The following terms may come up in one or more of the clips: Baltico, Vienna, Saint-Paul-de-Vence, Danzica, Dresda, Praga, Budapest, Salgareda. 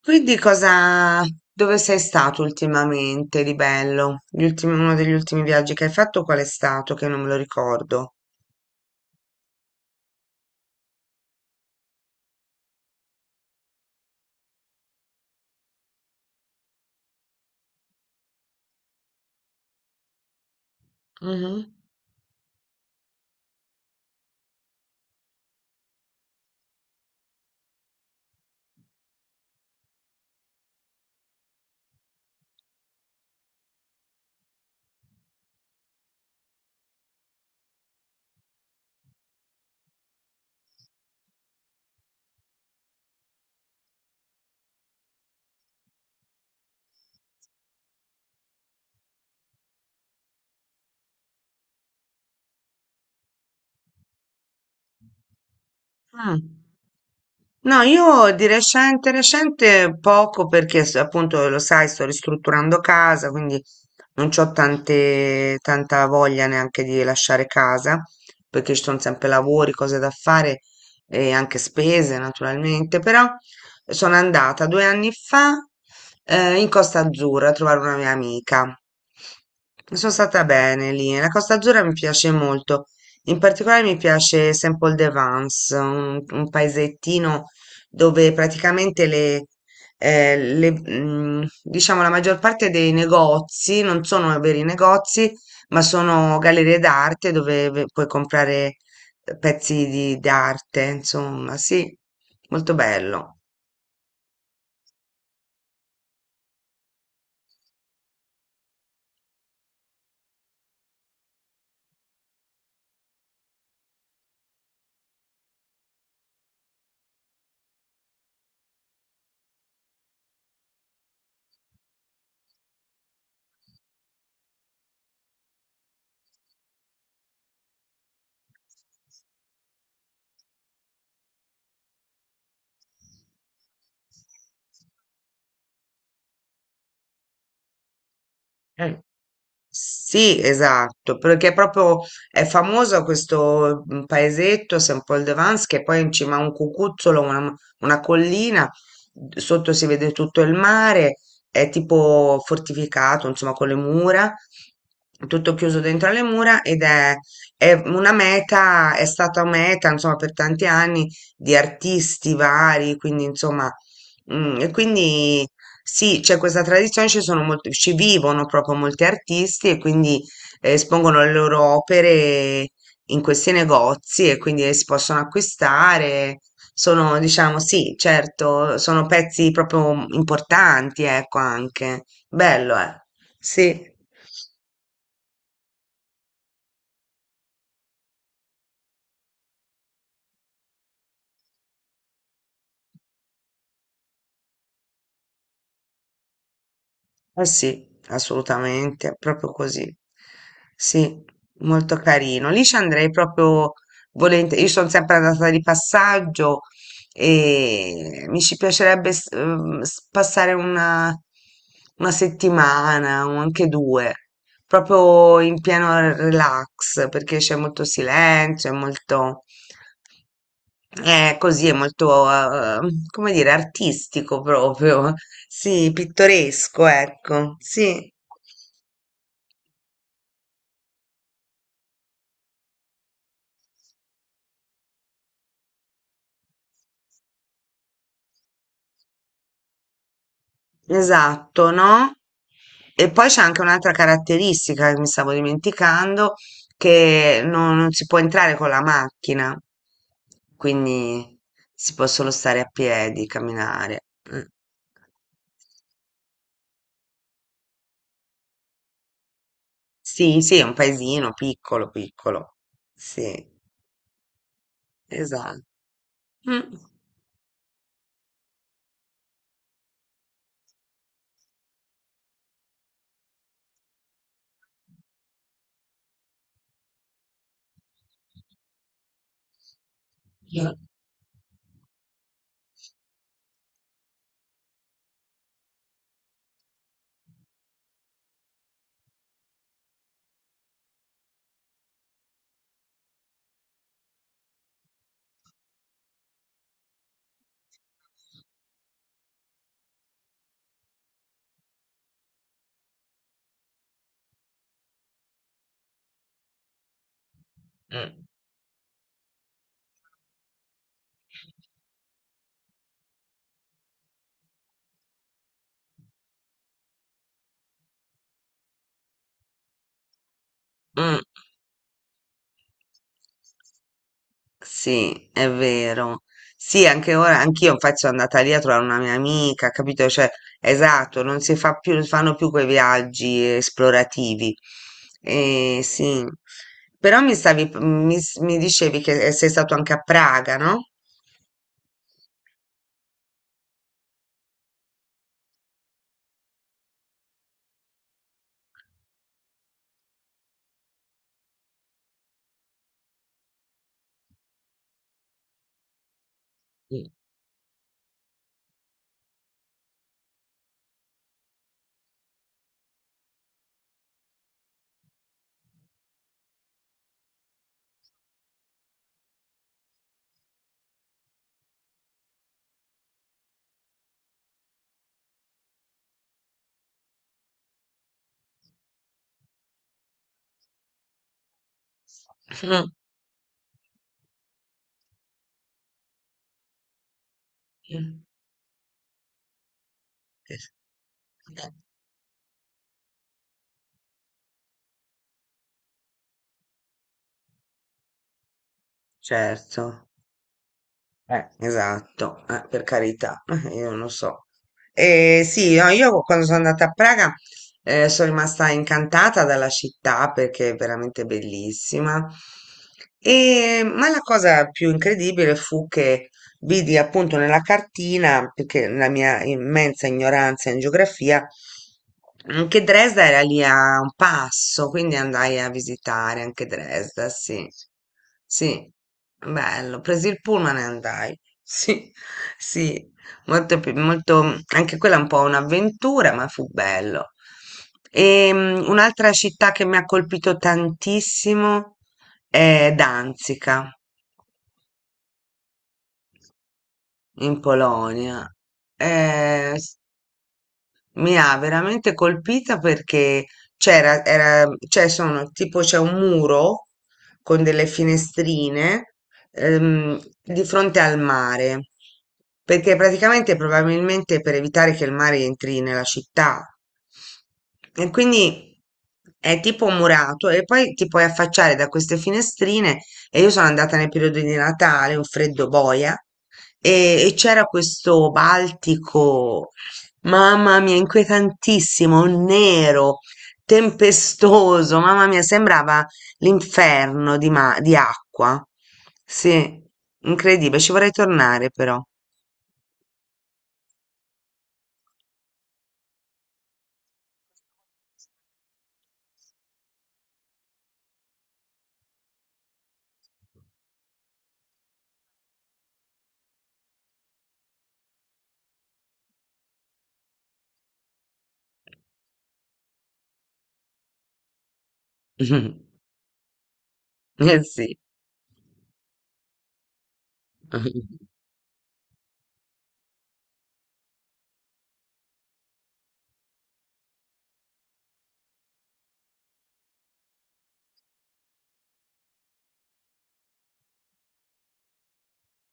Quindi cosa, dove sei stato ultimamente di bello? Uno degli ultimi viaggi che hai fatto qual è stato? Che non me lo ricordo. Mhm. Mm. No, io di recente, recente poco perché appunto lo sai, sto ristrutturando casa, quindi non ho tanta voglia neanche di lasciare casa, perché ci sono sempre lavori, cose da fare e anche spese naturalmente, però sono andata due anni fa in Costa Azzurra a trovare una mia amica. Sono stata bene lì, la Costa Azzurra mi piace molto, in particolare mi piace Saint-Paul-de-Vence, un paesettino dove praticamente le, diciamo la maggior parte dei negozi non sono veri negozi, ma sono gallerie d'arte dove puoi comprare pezzi di d'arte, insomma, sì, molto bello. Eh, Sì, esatto, perché proprio è famoso questo paesetto, Saint Paul de Vence, che poi in cima a un cucuzzolo, una collina, sotto si vede tutto il mare, è tipo fortificato, insomma, con le mura, tutto chiuso dentro alle mura ed è una meta, è stata meta, insomma, per tanti anni di artisti vari, quindi, insomma, e quindi... Sì, c'è questa tradizione, ci sono molti, ci vivono proprio molti artisti e quindi espongono le loro opere in questi negozi e quindi si possono acquistare. Sono, diciamo, sì, certo, sono pezzi proprio importanti, ecco, anche. Bello, eh. Sì. Eh sì, assolutamente, proprio così. Sì, molto carino. Lì ci andrei proprio volentieri. Io sono sempre andata di passaggio e mi ci piacerebbe passare una settimana o anche due, proprio in pieno relax, perché c'è molto silenzio, è molto... Così è molto, come dire, artistico proprio, sì, pittoresco, ecco, sì, esatto, no? E poi c'è anche un'altra caratteristica che mi stavo dimenticando, che non si può entrare con la macchina, quindi si può solo stare a piedi, camminare. Mm. Sì, sì, è un paesino piccolo, piccolo, sì, esatto. Mm. Mm. Mm. Sì, è vero. Sì, anche ora, anch'io infatti sono andata lì a trovare una mia amica, capito? Cioè, esatto, non si fa più, non si fanno più quei viaggi esplorativi. Sì, però mi stavi, mi, s- mi dicevi che sei stato anche a Praga, no? Sì. Mm. Eh, certo. Esatto, per carità, io non lo so. Sì, no, io quando sono andata a Praga sono rimasta incantata dalla città perché è veramente bellissima. Ma la cosa più incredibile fu che vidi appunto nella cartina, perché la mia immensa ignoranza in geografia, che Dresda era lì a un passo, quindi andai a visitare anche Dresda, sì. Sì, bello. Presi il pullman e andai. Sì, sì, molto, molto, anche quella è un po' un'avventura, ma fu bello. E, un'altra città che mi ha colpito tantissimo è Danzica. In Polonia. Eh, Mi ha veramente colpita perché cioè sono tipo c'è un muro con delle finestrine di fronte al mare, perché praticamente probabilmente per evitare che il mare entri nella città. E quindi è tipo murato e poi ti puoi affacciare da queste finestrine e io sono andata nel periodo di Natale, un freddo boia, e c'era questo Baltico. Mamma mia, inquietantissimo, nero, tempestoso, mamma mia, sembrava l'inferno di, di acqua. Sì, incredibile, ci vorrei tornare però. Eh sì.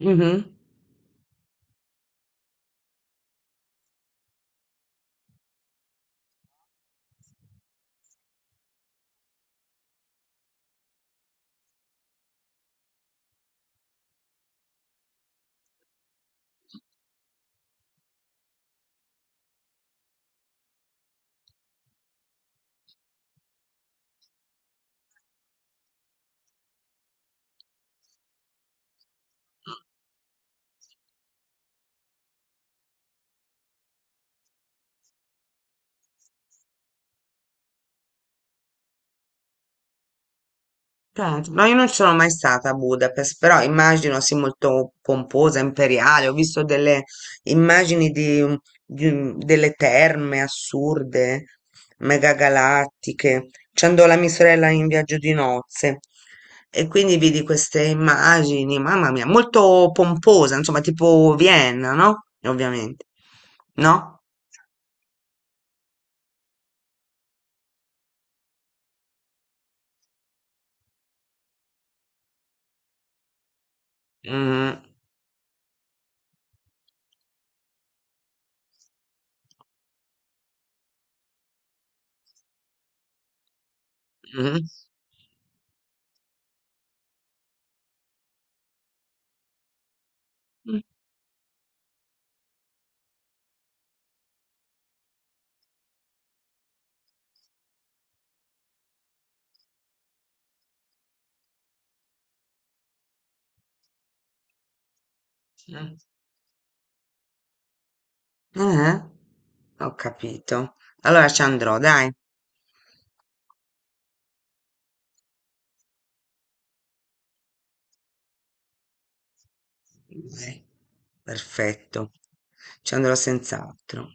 Mhm. Certo, no, io non ci sono mai stata a Budapest, però immagino sia molto pomposa, imperiale. Ho visto delle immagini delle terme assurde, megagalattiche. Ci andò la mia sorella in viaggio di nozze e quindi vidi queste immagini, mamma mia, molto pomposa, insomma, tipo Vienna, no? Ovviamente, no? Mm, mm, mm. Eh? Ho capito. Allora ci andrò, dai. Dai, perfetto. Ci andrò senz'altro.